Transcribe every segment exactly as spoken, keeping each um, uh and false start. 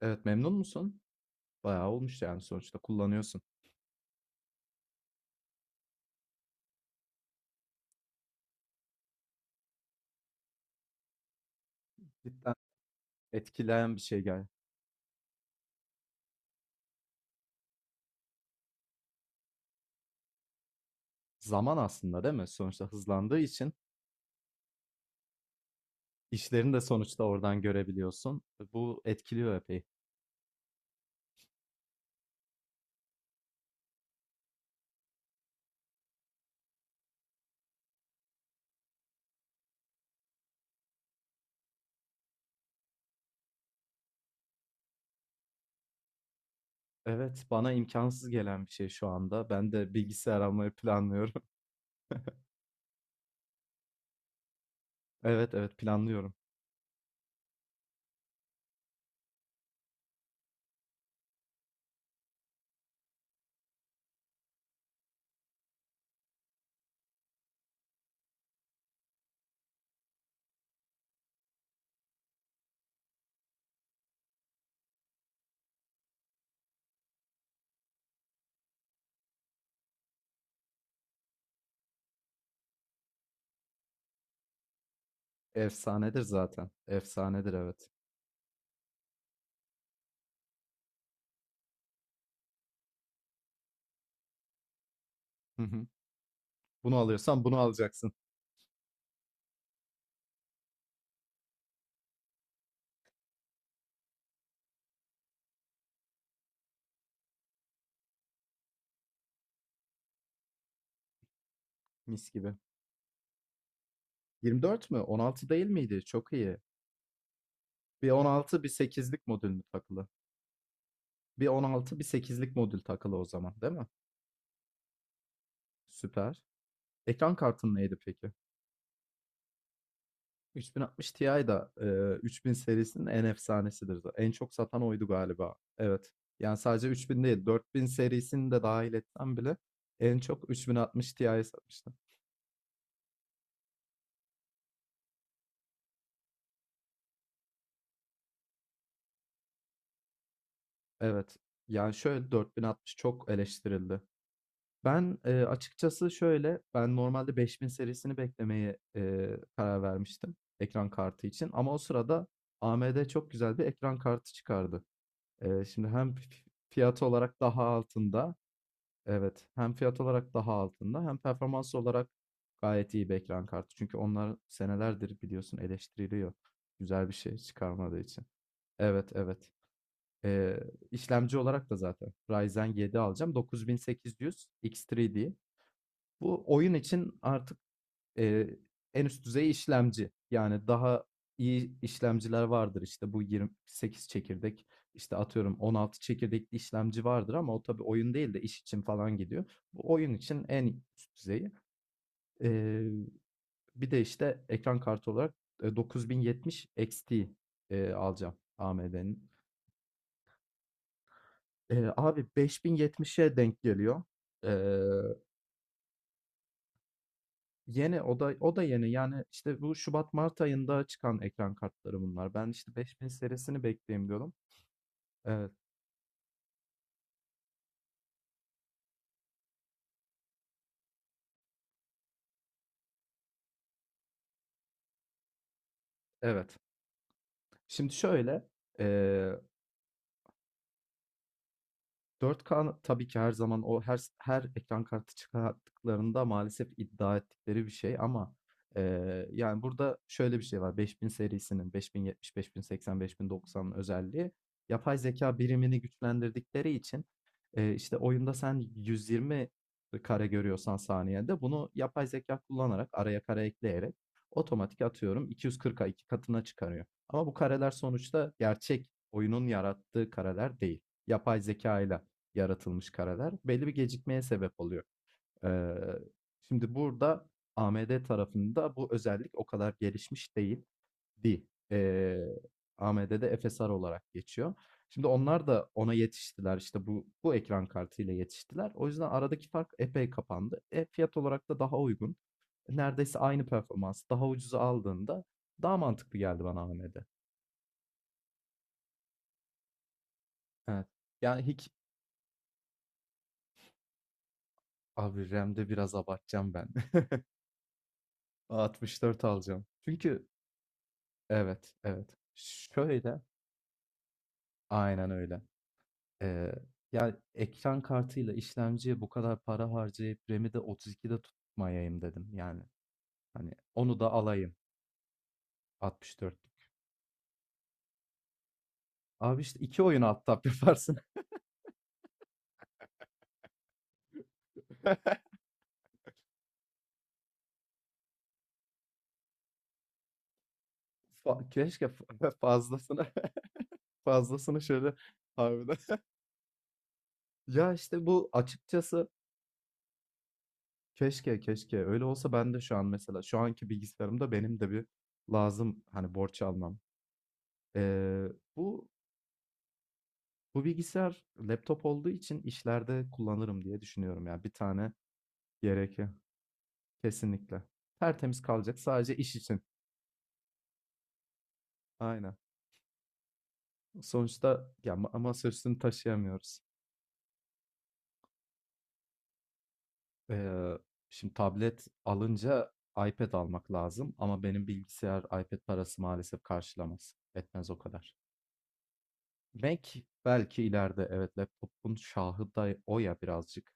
Evet, memnun musun? Bayağı olmuş yani sonuçta kullanıyorsun. Cidden etkileyen bir şey gel. Zaman aslında değil mi? Sonuçta hızlandığı için işlerini de sonuçta oradan görebiliyorsun. Bu etkiliyor epey. Evet, bana imkansız gelen bir şey şu anda. Ben de bilgisayar almayı planlıyorum. Evet, evet planlıyorum. Efsanedir zaten. Efsanedir evet. Hı hı. Bunu alıyorsan bunu alacaksın. Mis gibi. yirmi dört mü? on altı değil miydi? Çok iyi. Bir on altı bir sekizlik modül mü takılı? Bir on altı bir sekizlik modül takılı o zaman değil mi? Süper. Ekran kartın neydi peki? otuz altmış Ti da eee, üç bin serisinin en efsanesidir. za- En çok satan oydu galiba. Evet. Yani sadece üç bin değil dört bin serisini de dahil etsem bile en çok otuz altmış Ti'yi satmıştı. Evet. Yani şöyle kırk altmış çok eleştirildi. Ben, eee, açıkçası şöyle, ben normalde beş bin serisini beklemeye, eee, karar vermiştim ekran kartı için ama o sırada A M D çok güzel bir ekran kartı çıkardı. Eee, şimdi hem fi fiyat olarak daha altında. Evet, hem fiyat olarak daha altında hem performans olarak gayet iyi bir ekran kartı. Çünkü onlar senelerdir biliyorsun eleştiriliyor güzel bir şey çıkarmadığı için. Evet, evet. Eee, işlemci olarak da zaten Ryzen yedi alacağım. dokuz bin sekiz yüz X üç D. Bu oyun için artık, eee, en üst düzey işlemci. Yani daha iyi işlemciler vardır. İşte bu yirmi sekiz çekirdek, işte atıyorum on altı çekirdekli işlemci vardır ama o tabii oyun değil de iş için falan gidiyor. Bu oyun için en üst düzeyi. Eee, bir de işte ekran kartı olarak, eee, dokuz bin yetmiş X T, eee, alacağım A M D'nin. Eee, abi beş bin yetmişe denk geliyor. Eee Yeni o da o da yeni. Yani işte bu Şubat Mart ayında çıkan ekran kartları bunlar. Ben işte beş bin serisini bekleyeyim diyorum. Evet, evet. Şimdi şöyle, Dört k tabii ki her zaman o her her ekran kartı çıkarttıklarında maalesef iddia ettikleri bir şey ama, eee, yani, burada şöyle bir şey var. beş bin serisinin elli yetmiş, elli seksen, elli doksanın özelliği yapay zeka birimini güçlendirdikleri için, eee, işte, oyunda sen yüz yirmi kare görüyorsan saniyede bunu yapay zeka kullanarak araya kare ekleyerek otomatik atıyorum iki yüz kırka iki katına çıkarıyor. Ama bu kareler sonuçta gerçek oyunun yarattığı kareler değil. Yapay zekâyla yaratılmış kareler belli bir gecikmeye sebep oluyor. Eee, şimdi burada A M D tarafında bu özellik o kadar gelişmiş değildi. Eee, A M D'de F S R olarak geçiyor. Şimdi onlar da ona yetiştiler. İşte bu bu ekran kartıyla yetiştiler. O yüzden aradaki fark epey kapandı. E, fiyat olarak da daha uygun. Neredeyse aynı performans. Daha ucuza aldığında daha mantıklı geldi bana A M D. Evet. Yani hiç abi RAM'de biraz abartacağım ben. altmış dört alacağım. Çünkü Evet, evet. Şöyle, aynen öyle. Eee, ya ekran kartıyla işlemciye bu kadar para harcayıp RAM'i de otuz ikide tutmayayım dedim. Yani hani onu da alayım altmış dörtlük. Abi işte iki oyun alt tab yaparsın. Fa- Keşke fa- fazlasını fazlasını şöyle harbiden. Ya işte bu açıkçası keşke keşke öyle olsa ben de şu an mesela şu anki bilgisayarımda benim de bir lazım hani borç almam. Ee, bu Bu bilgisayar laptop olduğu için işlerde kullanırım diye düşünüyorum ya. Bir tane gerekiyor. Kesinlikle. Tertemiz kalacak sadece iş için. Aynen. Sonuçta ya ma- masaüstünü taşıyamıyoruz. Ee, şimdi tablet alınca iPad almak lazım ama benim bilgisayar iPad parası maalesef karşılamaz. Etmez o kadar. Mac belki ileride evet laptopun şahı da o ya birazcık.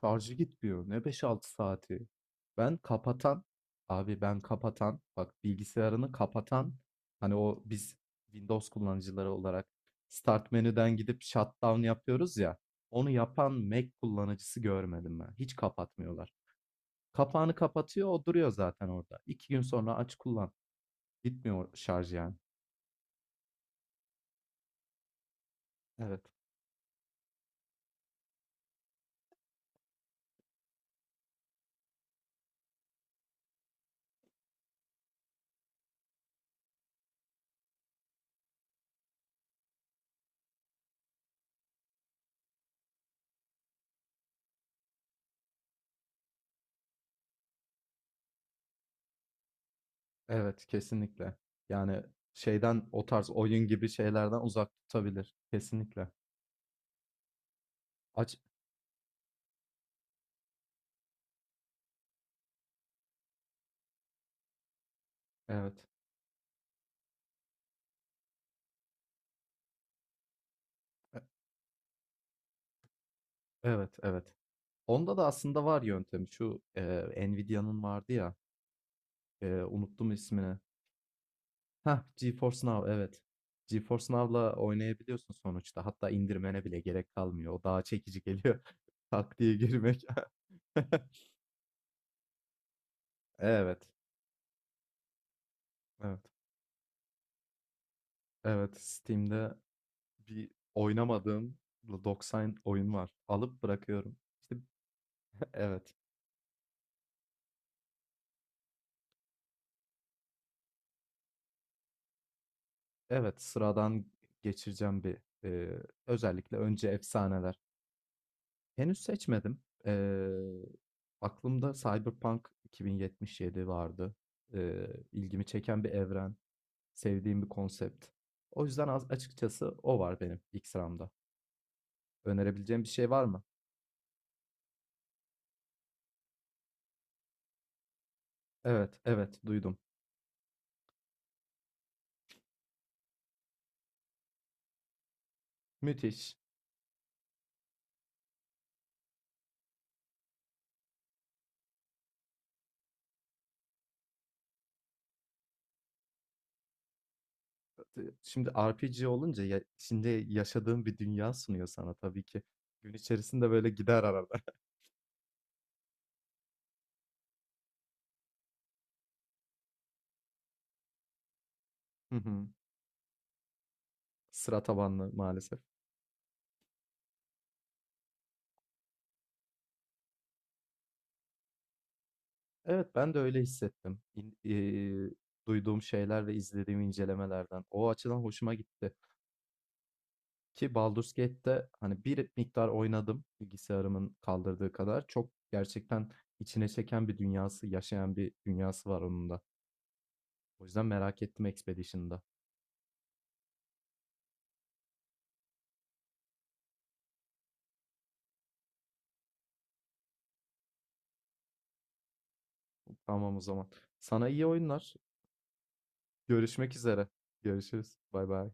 Şarjı gitmiyor. Ne beş altı saati? Ben kapatan, abi ben kapatan, bak bilgisayarını kapatan, hani o biz Windows kullanıcıları olarak start menüden gidip shutdown yapıyoruz ya, onu yapan Mac kullanıcısı görmedim ben. Hiç kapatmıyorlar. Kapağını kapatıyor, o duruyor zaten orada. İki gün sonra aç kullan. Bitmiyor şarj yani. Evet, evet kesinlikle. Yani şeyden o tarz oyun gibi şeylerden uzak tutabilir. Kesinlikle. Aç, evet. Evet, evet. Onda da aslında var yöntemi. Şu, eee, Nvidia'nın vardı ya, eee, unuttum ismini. Hah, GeForce Now, evet. GeForce Now'la oynayabiliyorsun sonuçta. Hatta indirmene bile gerek kalmıyor. O daha çekici geliyor. Tak diye girmek. Evet, evet, evet. Steam'de bir oynamadığım doksan oyun var. Alıp bırakıyorum. İşte, evet, evet. Sıradan geçireceğim bir, eee, özellikle önce efsaneler. Henüz seçmedim. Eee, aklımda Cyberpunk iki bin yetmiş yedi vardı. Eee, ilgimi çeken bir evren, sevdiğim bir konsept. O yüzden az açıkçası o var benim ilk sıramda. Önerebileceğim bir şey var mı? Evet, evet duydum. Müthiş. Iıı, Şimdi R P G olunca ya, şimdi yaşadığım bir dünya sunuyor sana tabii ki. Gün içerisinde böyle gider arada. Hı hı. Sıra tabanlı maalesef. Evet, ben de öyle hissettim. İn- eee, duyduğum şeyler ve izlediğim incelemelerden. O açıdan hoşuma gitti. Ki Baldur's Gate'te hani bir miktar oynadım bilgisayarımın kaldırdığı kadar. Çok gerçekten içine çeken bir dünyası, yaşayan bir dünyası var onun da. O yüzden merak ettim Expedition'da. Tamam o zaman. Sana iyi oyunlar. Görüşmek üzere. Görüşürüz. Bay bay.